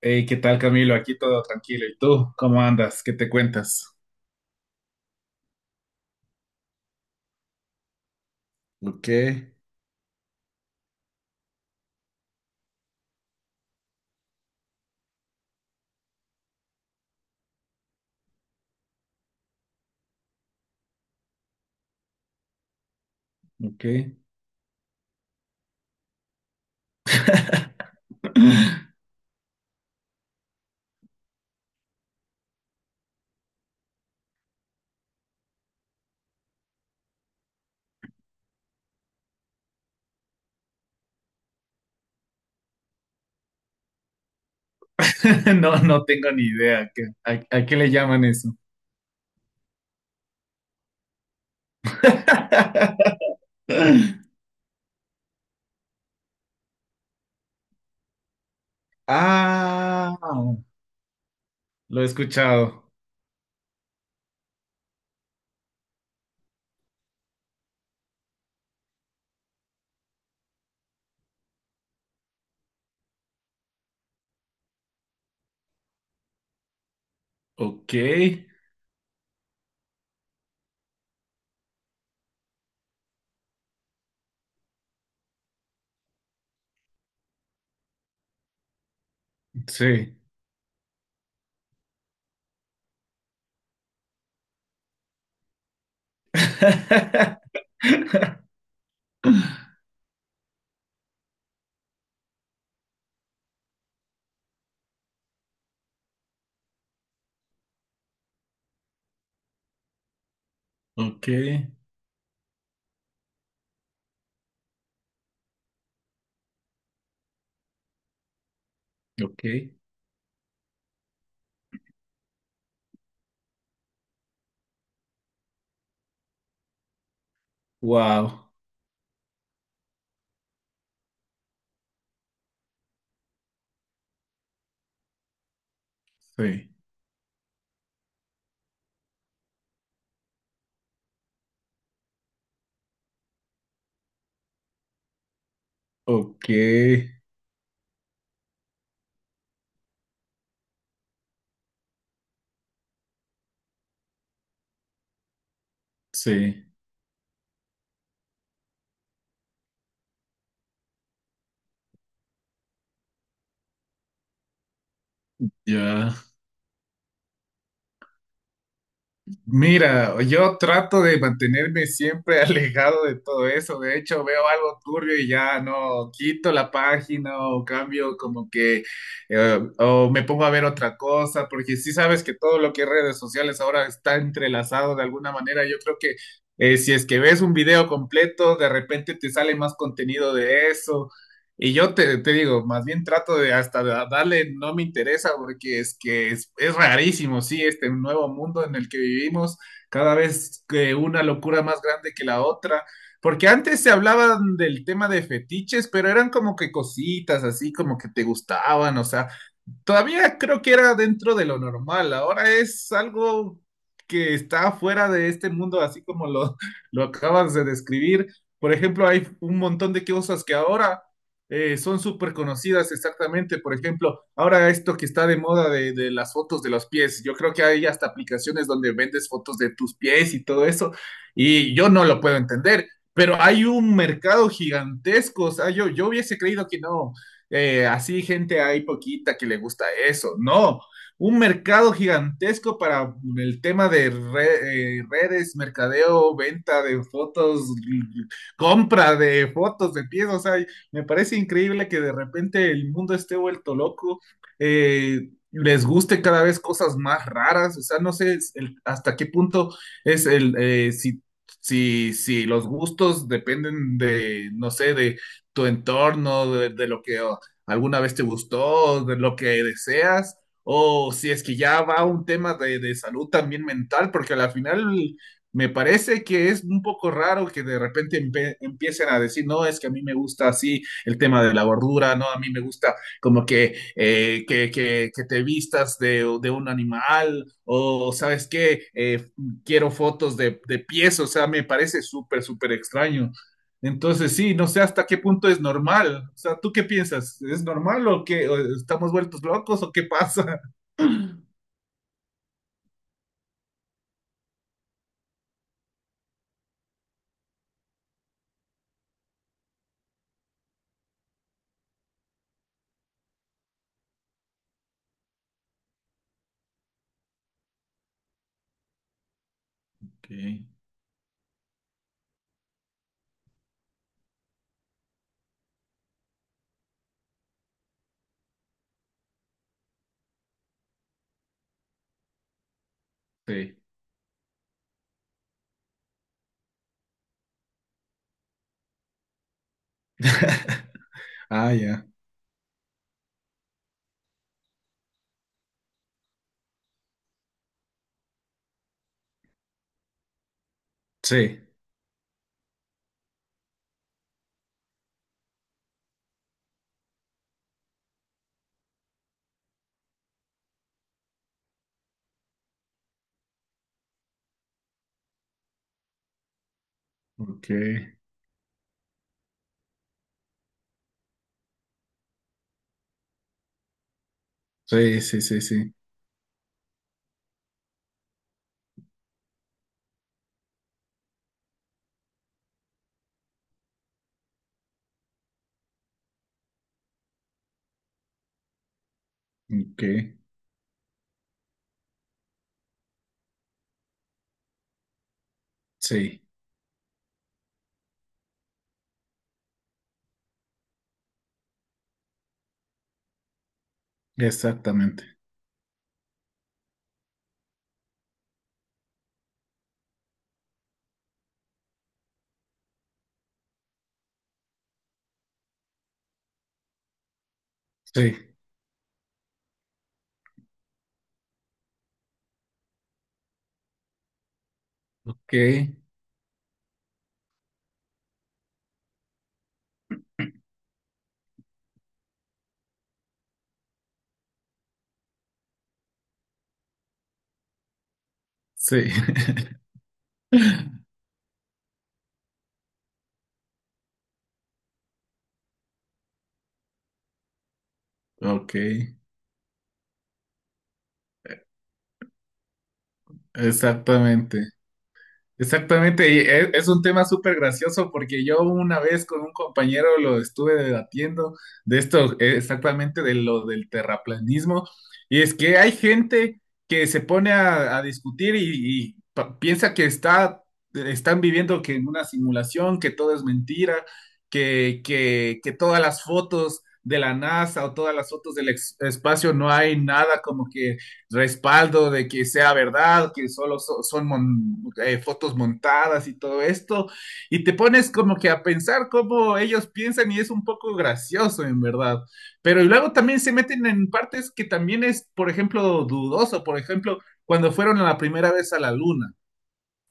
Hey, ¿qué tal, Camilo? Aquí todo tranquilo. ¿Y tú? ¿Cómo andas? ¿Qué te cuentas? Ok. Ok. No, no tengo ni idea. ¿A qué le llaman eso? Ah, lo he escuchado. Ok. Sí. Ok. Ok. Wow. Sí. Ok. Sí. Ya. Mira, yo trato de mantenerme siempre alejado de todo eso. De hecho, veo algo turbio y ya no quito la página o cambio como que o me pongo a ver otra cosa, porque sí sabes que todo lo que es redes sociales ahora está entrelazado de alguna manera. Yo creo que si es que ves un video completo, de repente te sale más contenido de eso. Y yo te digo, más bien trato de hasta darle, no me interesa porque es que es rarísimo, sí, este nuevo mundo en el que vivimos, cada vez que una locura más grande que la otra, porque antes se hablaban del tema de fetiches, pero eran como que cositas así, como que te gustaban, o sea, todavía creo que era dentro de lo normal, ahora es algo que está fuera de este mundo, así como lo acabas de describir. Por ejemplo, hay un montón de cosas que ahora son súper conocidas exactamente. Por ejemplo, ahora esto que está de moda de las fotos de los pies. Yo creo que hay hasta aplicaciones donde vendes fotos de tus pies y todo eso. Y yo no lo puedo entender, pero hay un mercado gigantesco. O sea, yo hubiese creído que no así gente hay poquita que le gusta eso. No, un mercado gigantesco para el tema de redes, mercadeo, venta de fotos, compra de fotos de pies. O sea, me parece increíble que de repente el mundo esté vuelto loco. Les guste cada vez cosas más raras, o sea, no sé es hasta qué punto es si los gustos dependen de, no sé, de tu entorno, de lo que alguna vez te gustó, de lo que deseas, o si es que ya va un tema de salud también mental, porque al final me parece que es un poco raro que de repente empiecen a decir, no, es que a mí me gusta así el tema de la gordura, no, a mí me gusta como que, que te vistas de un animal o, ¿sabes qué? Quiero fotos de pies, o sea, me parece súper, súper extraño. Entonces, sí, no sé hasta qué punto es normal. O sea, ¿tú qué piensas? ¿Es normal o qué? ¿O estamos vueltos locos o qué pasa? Ok, sí. Ah, ya. Sí. Ok. Sí, sí, sí, sí. Ok. Sí. Exactamente. Sí. Ok. Sí. Ok. Exactamente. Exactamente, y un tema súper gracioso porque yo una vez con un compañero lo estuve debatiendo de esto, exactamente de lo del terraplanismo, y es que hay gente que se pone a discutir y piensa que están viviendo que en una simulación, que todo es mentira, que todas las fotos de la NASA o todas las fotos del espacio no hay nada como que respaldo de que sea verdad, que solo son fotos montadas y todo esto, y te pones como que a pensar cómo ellos piensan y es un poco gracioso en verdad, pero y luego también se meten en partes que también es, por ejemplo, dudoso, por ejemplo, cuando fueron la primera vez a la luna.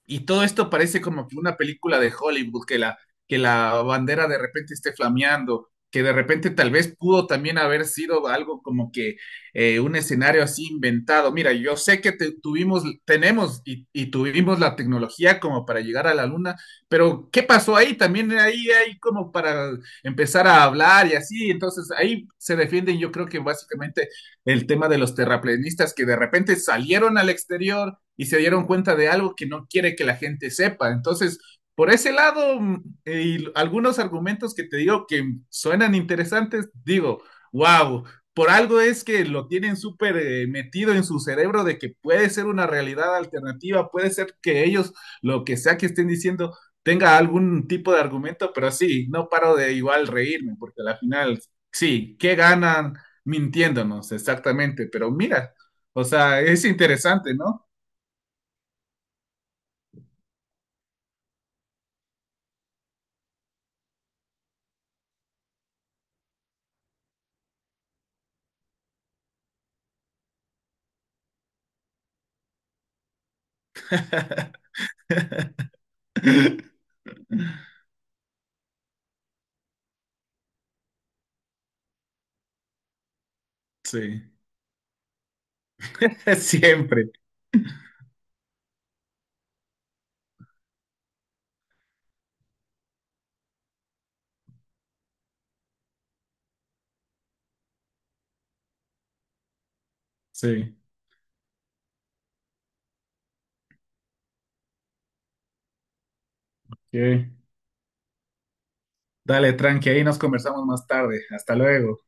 Y todo esto parece como que una película de Hollywood, que la bandera de repente esté flameando, que de repente tal vez pudo también haber sido algo como que un escenario así inventado. Mira, yo sé que tuvimos, tenemos y tuvimos la tecnología como para llegar a la luna, pero ¿qué pasó ahí? También ahí hay como para empezar a hablar y así. Entonces ahí se defienden yo creo que básicamente el tema de los terraplenistas que de repente salieron al exterior y se dieron cuenta de algo que no quiere que la gente sepa. Entonces, por ese lado, y algunos argumentos que te digo que suenan interesantes, digo, wow, por algo es que lo tienen súper metido en su cerebro de que puede ser una realidad alternativa, puede ser que ellos, lo que sea que estén diciendo, tenga algún tipo de argumento, pero sí, no paro de igual reírme, porque al final, sí, ¿qué ganan mintiéndonos exactamente? Pero mira, o sea, es interesante, ¿no? Sí, siempre. Sí. Ok. Dale, tranqui, ahí nos conversamos más tarde. Hasta luego.